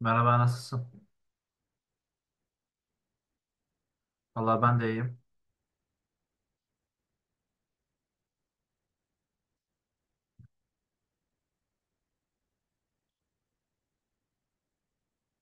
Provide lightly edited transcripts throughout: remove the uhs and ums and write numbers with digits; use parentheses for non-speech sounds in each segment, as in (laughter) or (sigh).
Merhaba, nasılsın? Valla ben de iyiyim.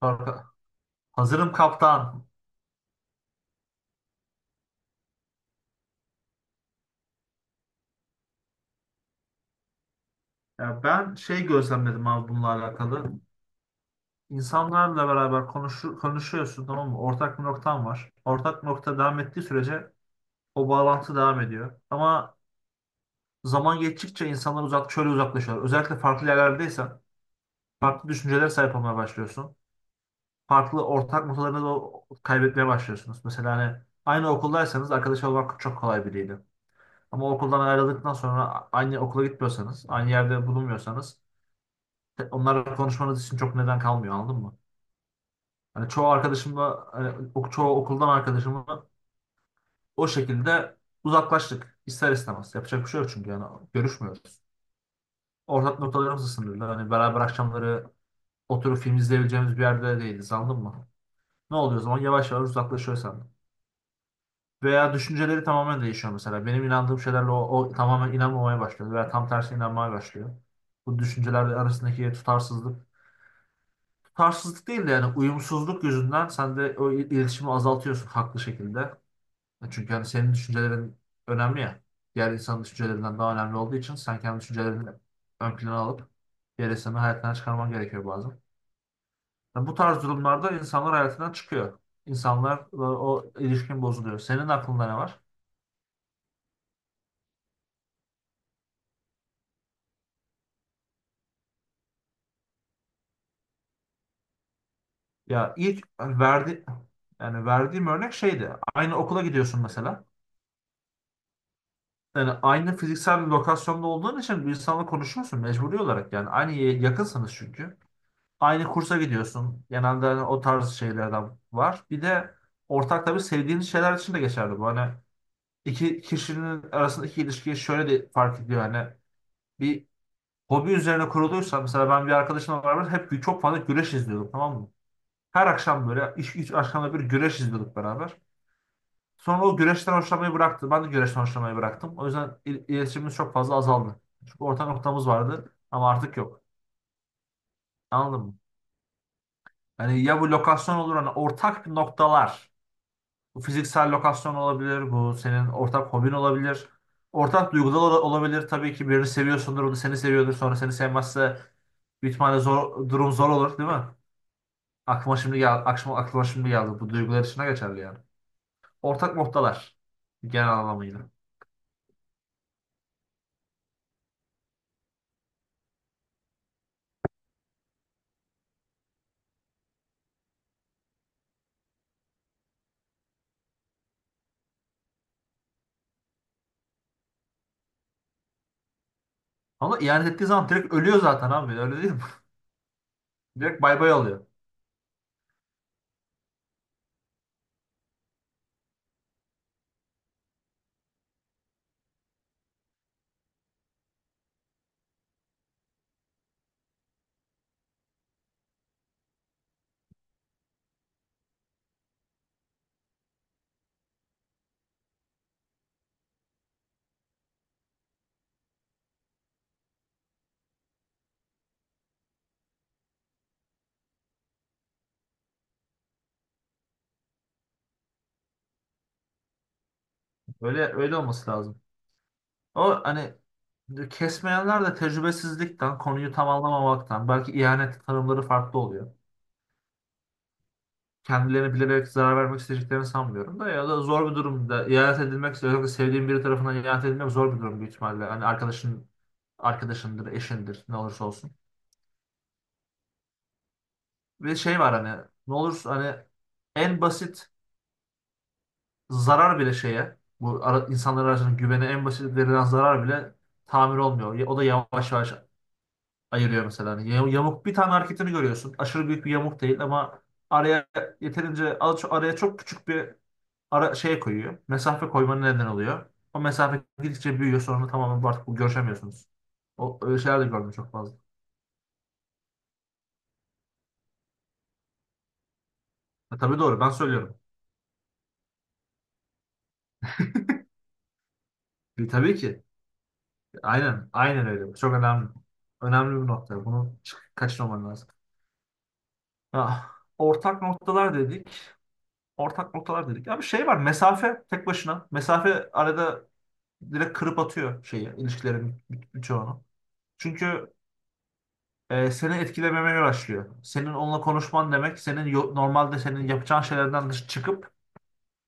Korka- Hazırım kaptan. Ya ben şey gözlemledim abi bununla alakalı. İnsanlarla beraber konuşuyorsun, tamam mı? Ortak bir noktan var. Ortak bir nokta devam ettiği sürece o bağlantı devam ediyor. Ama zaman geçtikçe insanlar şöyle uzaklaşıyorlar. Özellikle farklı yerlerdeysen farklı düşüncelere sahip olmaya başlıyorsun. Farklı ortak noktalarını da kaybetmeye başlıyorsunuz. Mesela hani aynı okuldaysanız arkadaş olmak çok kolay biriydi. Ama okuldan ayrıldıktan sonra aynı okula gitmiyorsanız, aynı yerde bulunmuyorsanız onlarla konuşmanız için çok neden kalmıyor, anladın mı? Hani çoğu arkadaşımla, hani çoğu okuldan arkadaşımla o şekilde uzaklaştık ister istemez. Yapacak bir şey yok çünkü yani görüşmüyoruz. Ortak noktalarımız sınırlı. Hani beraber akşamları oturup film izleyebileceğimiz bir yerde değiliz, anladın mı? Ne oluyor o zaman? Yavaş yavaş uzaklaşıyoruz senden. Veya düşünceleri tamamen değişiyor mesela. Benim inandığım şeylerle o tamamen inanmamaya başlıyor veya tam tersi inanmaya başlıyor. Bu düşünceler arasındaki tutarsızlık. Tutarsızlık değil de yani uyumsuzluk yüzünden sen de iletişimi azaltıyorsun haklı şekilde. Çünkü hani senin düşüncelerin önemli ya. Diğer insanın düşüncelerinden daha önemli olduğu için sen kendi düşüncelerini ön plana alıp diğer insanı hayatından çıkarman gerekiyor bazen. Yani bu tarz durumlarda insanlar hayatından çıkıyor. İnsanlar o ilişkin bozuluyor. Senin aklında ne var? Ya ilk verdi Yani verdiğim örnek şeydi. Aynı okula gidiyorsun mesela. Yani aynı fiziksel bir lokasyonda olduğun için bir insanla konuşuyorsun mecburi olarak yani. Yakınsınız çünkü. Aynı kursa gidiyorsun. Genelde hani o tarz şeylerden var. Bir de ortak tabii sevdiğiniz şeyler için de geçerli bu. Hani iki kişinin arasındaki ilişkiyi şöyle de fark ediyor. Hani bir hobi üzerine kuruluysa mesela ben bir arkadaşımla beraber hep çok fazla güreş izliyorduk, tamam mı? Her akşam böyle iş üç akşamda bir güreş izliyorduk beraber. Sonra o güreşten hoşlanmayı bıraktı. Ben de güreşten hoşlanmayı bıraktım. O yüzden iletişimimiz çok fazla azaldı. Çünkü ortak noktamız vardı ama artık yok. Anladın mı? Yani ya bu lokasyon olur hani ortak noktalar. Bu fiziksel lokasyon olabilir. Bu senin ortak hobin olabilir. Ortak duygular olabilir. Tabii ki birini seviyorsundur. O da seni seviyordur. Sonra seni sevmezse bir ihtimalle zor, durum zor olur değil mi? Aklıma şimdi geldi. Aklıma şimdi geldi. Bu duygular içine geçerli yani. Ortak noktalar. Genel anlamıyla. Ama ihanet ettiği zaman direkt ölüyor zaten abi. Öyle değil mi? (laughs) Direkt bay bay oluyor. Öyle öyle olması lazım. O hani kesmeyenler de tecrübesizlikten, konuyu tam anlamamaktan, belki ihanet tanımları farklı oluyor. Kendilerini bilerek zarar vermek isteyeceklerini sanmıyorum da, ya da zor bir durumda ihanet edilmek, özellikle sevdiğin biri tarafından ihanet edilmek zor bir durum büyük ihtimalle. Hani arkadaşın arkadaşındır, eşindir, ne olursa olsun. Bir şey var hani ne olursa hani en basit zarar bile şeye bu ara, insanlar arasında güvene en basit verilen zarar bile tamir olmuyor. O da yavaş yavaş ayırıyor mesela. Hani yamuk bir tane hareketini görüyorsun. Aşırı büyük bir yamuk değil ama araya araya çok küçük bir ara, şey koyuyor. Mesafe koymanın neden oluyor. O mesafe gidikçe büyüyor, sonra tamamen artık bu görüşemiyorsunuz. O öyle şeyler de gördüm çok fazla. Tabii doğru ben söylüyorum. Tabii ki. Aynen aynen öyle. Çok önemli. Önemli bir nokta. Bunu kaçırmaman lazım. Ah, Ortak noktalar dedik. Ortak noktalar dedik. Ya şey var. Mesafe tek başına. Mesafe arada direkt kırıp atıyor şeyi, ilişkilerin birçoğunu. Çünkü seni etkilememeye başlıyor. Senin onunla konuşman demek, senin normalde senin yapacağın şeylerden dış çıkıp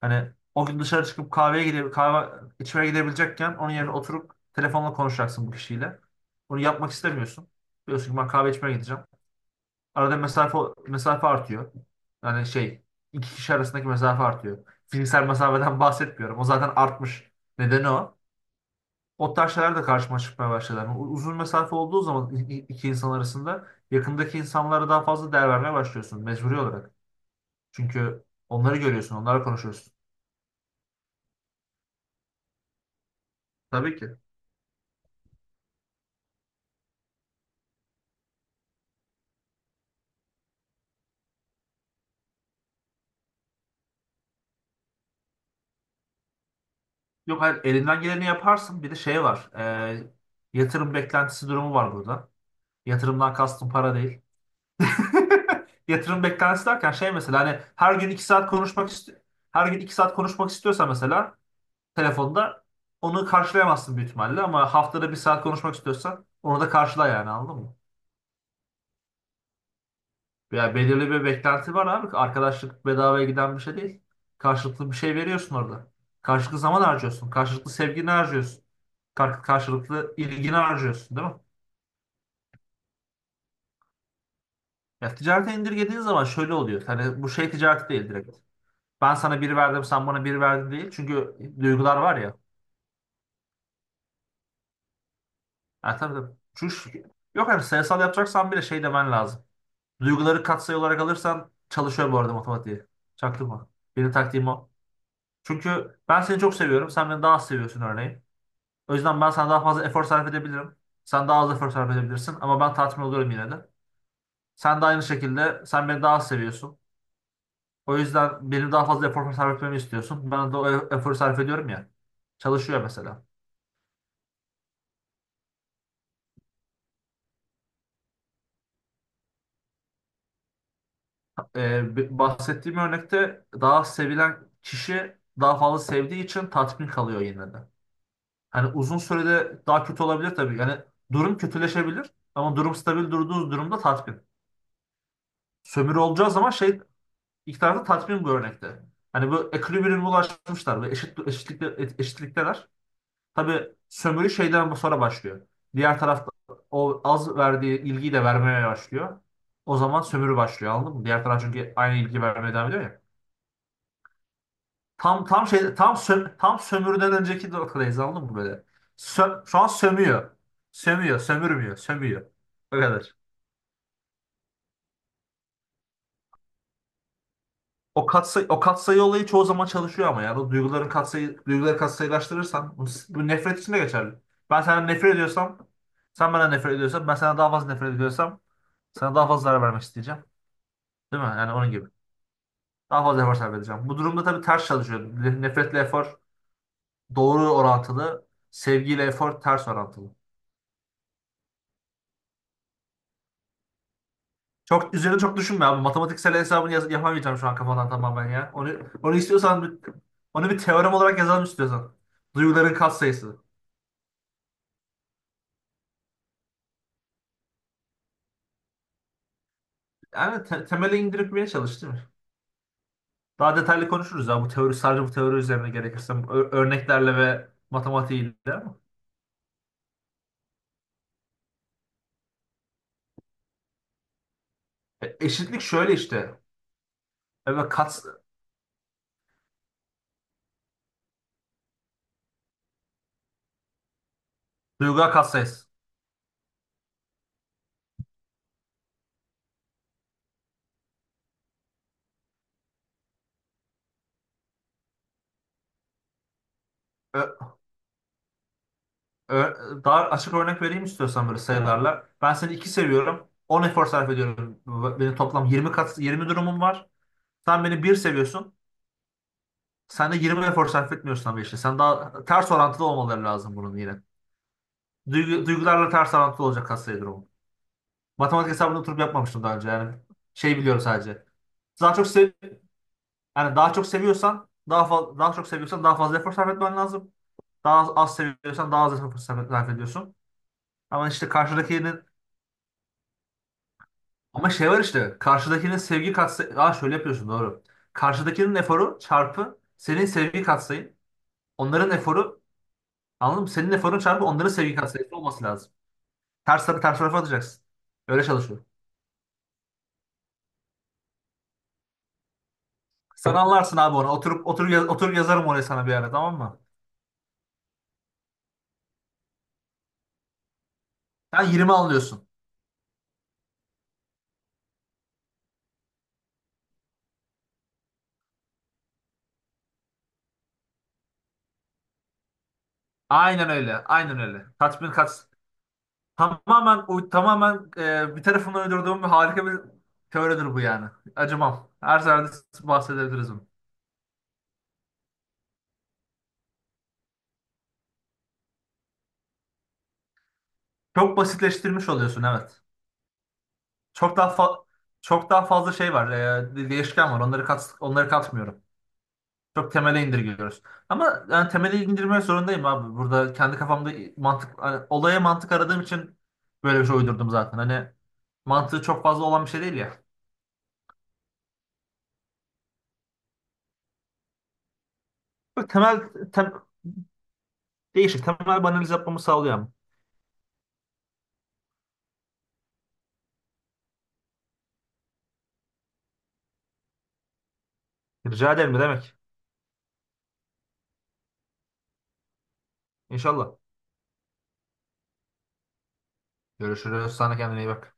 hani o gün dışarı çıkıp kahveye gidip kahve içmeye gidebilecekken onun yerine oturup telefonla konuşacaksın bu kişiyle. Bunu yapmak istemiyorsun. Diyorsun ki ben kahve içmeye gideceğim. Arada mesafe artıyor. Yani şey iki kişi arasındaki mesafe artıyor. Fiziksel mesafeden bahsetmiyorum. O zaten artmış. Nedeni o. O tarz şeyler de karşıma çıkmaya başladı. Yani uzun mesafe olduğu zaman iki insan arasında yakındaki insanlara daha fazla değer vermeye başlıyorsun mecburi olarak. Çünkü onları görüyorsun, onlarla konuşuyorsun. Tabii ki. Yok hayır, elinden geleni yaparsın. Bir de şey var. Yatırım beklentisi durumu var burada. Yatırımdan kastım para değil. (laughs) Yatırım beklentisi derken şey mesela hani her gün iki saat konuşmak istiyor. Her gün iki saat konuşmak istiyorsa mesela telefonda onu karşılayamazsın büyük ihtimalle, ama haftada bir saat konuşmak istiyorsan onu da karşıla yani, anladın mı? Ya belirli bir beklenti var abi. Arkadaşlık bedavaya giden bir şey değil. Karşılıklı bir şey veriyorsun orada. Karşılıklı zaman harcıyorsun. Karşılıklı sevgini harcıyorsun. Karşılıklı ilgini harcıyorsun, değil mi? Ya ticarete indirgediğin zaman şöyle oluyor. Hani bu şey ticareti değil direkt. Ben sana bir verdim, sen bana bir verdin değil. Çünkü duygular var ya. Ha, tabii tabii. Çünkü, yok, hani sayısal yapacaksan bile şey demen lazım. Duyguları katsayı olarak alırsan çalışıyor bu arada matematiği. Çaktırma. Benim taktiğim o. Çünkü ben seni çok seviyorum. Sen beni daha az seviyorsun örneğin. O yüzden ben sana daha fazla efor sarf edebilirim. Sen daha az efor sarf edebilirsin. Ama ben tatmin oluyorum yine de. Sen de aynı şekilde sen beni daha az seviyorsun. O yüzden benim daha fazla efor sarf etmemi istiyorsun. Ben de o eforu sarf ediyorum ya. Çalışıyor mesela. Bahsettiğim örnekte daha sevilen kişi daha fazla sevdiği için tatmin kalıyor yine de. Hani uzun sürede daha kötü olabilir tabii. Yani durum kötüleşebilir ama durum stabil durduğunuz durumda tatmin. Sömürü olacağı zaman şey ilk tarafta tatmin bu örnekte. Hani bu ekvilibriyuma ulaşmışlar ve eşitlikteler. Tabii sömürü şeyden bu sonra başlıyor. Diğer tarafta o az verdiği ilgiyi de vermeye başlıyor. O zaman sömürü başlıyor, anladın mı? Diğer taraf çünkü aynı ilgi vermeye devam ediyor ya. Tam sömürüden önceki noktadayız, anladın mı böyle? Şu an sömüyor. Sömüyor, sömürmüyor, sömüyor. O kadar. O katsayı olayı çoğu zaman çalışıyor, ama yani o duyguların katsayı duyguları katsayılaştırırsan bu, bu nefret için de geçerli. Ben senden nefret ediyorsam, sen bana nefret ediyorsan, ben sana daha fazla nefret ediyorsam sana daha fazla zarar vermek isteyeceğim. Değil mi? Yani onun gibi. Daha fazla efor sarf edeceğim. Bu durumda tabii ters çalışıyor. Nefretle efor doğru orantılı, sevgiyle efor ters orantılı. Üzerine çok düşünme abi. Matematiksel hesabını yapamayacağım şu an kafadan tamamen ya. Onu istiyorsan bir- Onu bir teorem olarak yazalım istiyorsan. Duyguların katsayısı. Yani temele indirmeye çalış değil mi? Daha detaylı konuşuruz ya bu teori üzerine gerekirse örneklerle ve matematiğiyle ama. Eşitlik şöyle işte. Evet, duygular katsayısı. Ö- Daha açık örnek vereyim istiyorsan böyle sayılarla. Ben seni 2 seviyorum. On efor sarf ediyorum. Benim toplam 20 kat 20 durumum var. Sen beni bir seviyorsun. Sen de 20 efor sarf etmiyorsun ama işte. Sen daha ters orantılı olmaları lazım bunun yine. Duygularla ters orantılı olacak hastaya durumu. Matematik hesabını oturup yapmamıştım daha önce. Yani şey biliyorum sadece. Daha çok sev Yani daha çok seviyorsan daha fazla efor sarf etmen lazım. Daha az, az seviyorsan daha az efor sarf ediyorsun. Ama işte karşıdakinin Ama şey var, işte karşıdakinin sevgi katsayı Aa şöyle yapıyorsun, doğru. Karşıdakinin eforu çarpı senin sevgi katsayın. Onların eforu. Anladın mı? Senin eforun çarpı onların sevgi katsayısı olması lazım. Ters tarafı ters tarafa atacaksın. Öyle çalışıyor. Sen anlarsın abi onu. Oturup yazarım oraya sana bir ara, tamam mı? Sen 20 anlıyorsun. Aynen öyle. Aynen öyle. Tatmin kaç tamamen tamamen bir tarafımdan uydurduğum bir harika bir teoridir bu yani. Acımam. Her zaman bahsedebiliriz bunu. Çok basitleştirmiş oluyorsun, evet. Çok daha fa- Çok daha fazla şey var. Değişken var. Onları katmıyorum. Çok temele indirgiyoruz. Ama yani temele indirmek zorundayım abi. Burada kendi kafamda mantık hani olaya mantık aradığım için böyle bir şey uydurdum zaten. Hani mantığı çok fazla olan bir şey değil ya. Böyle tem, değişik temel bir analiz yapmamı sağlıyor ama. Rica ederim, ne demek. İnşallah. Görüşürüz. Sana kendine iyi bak.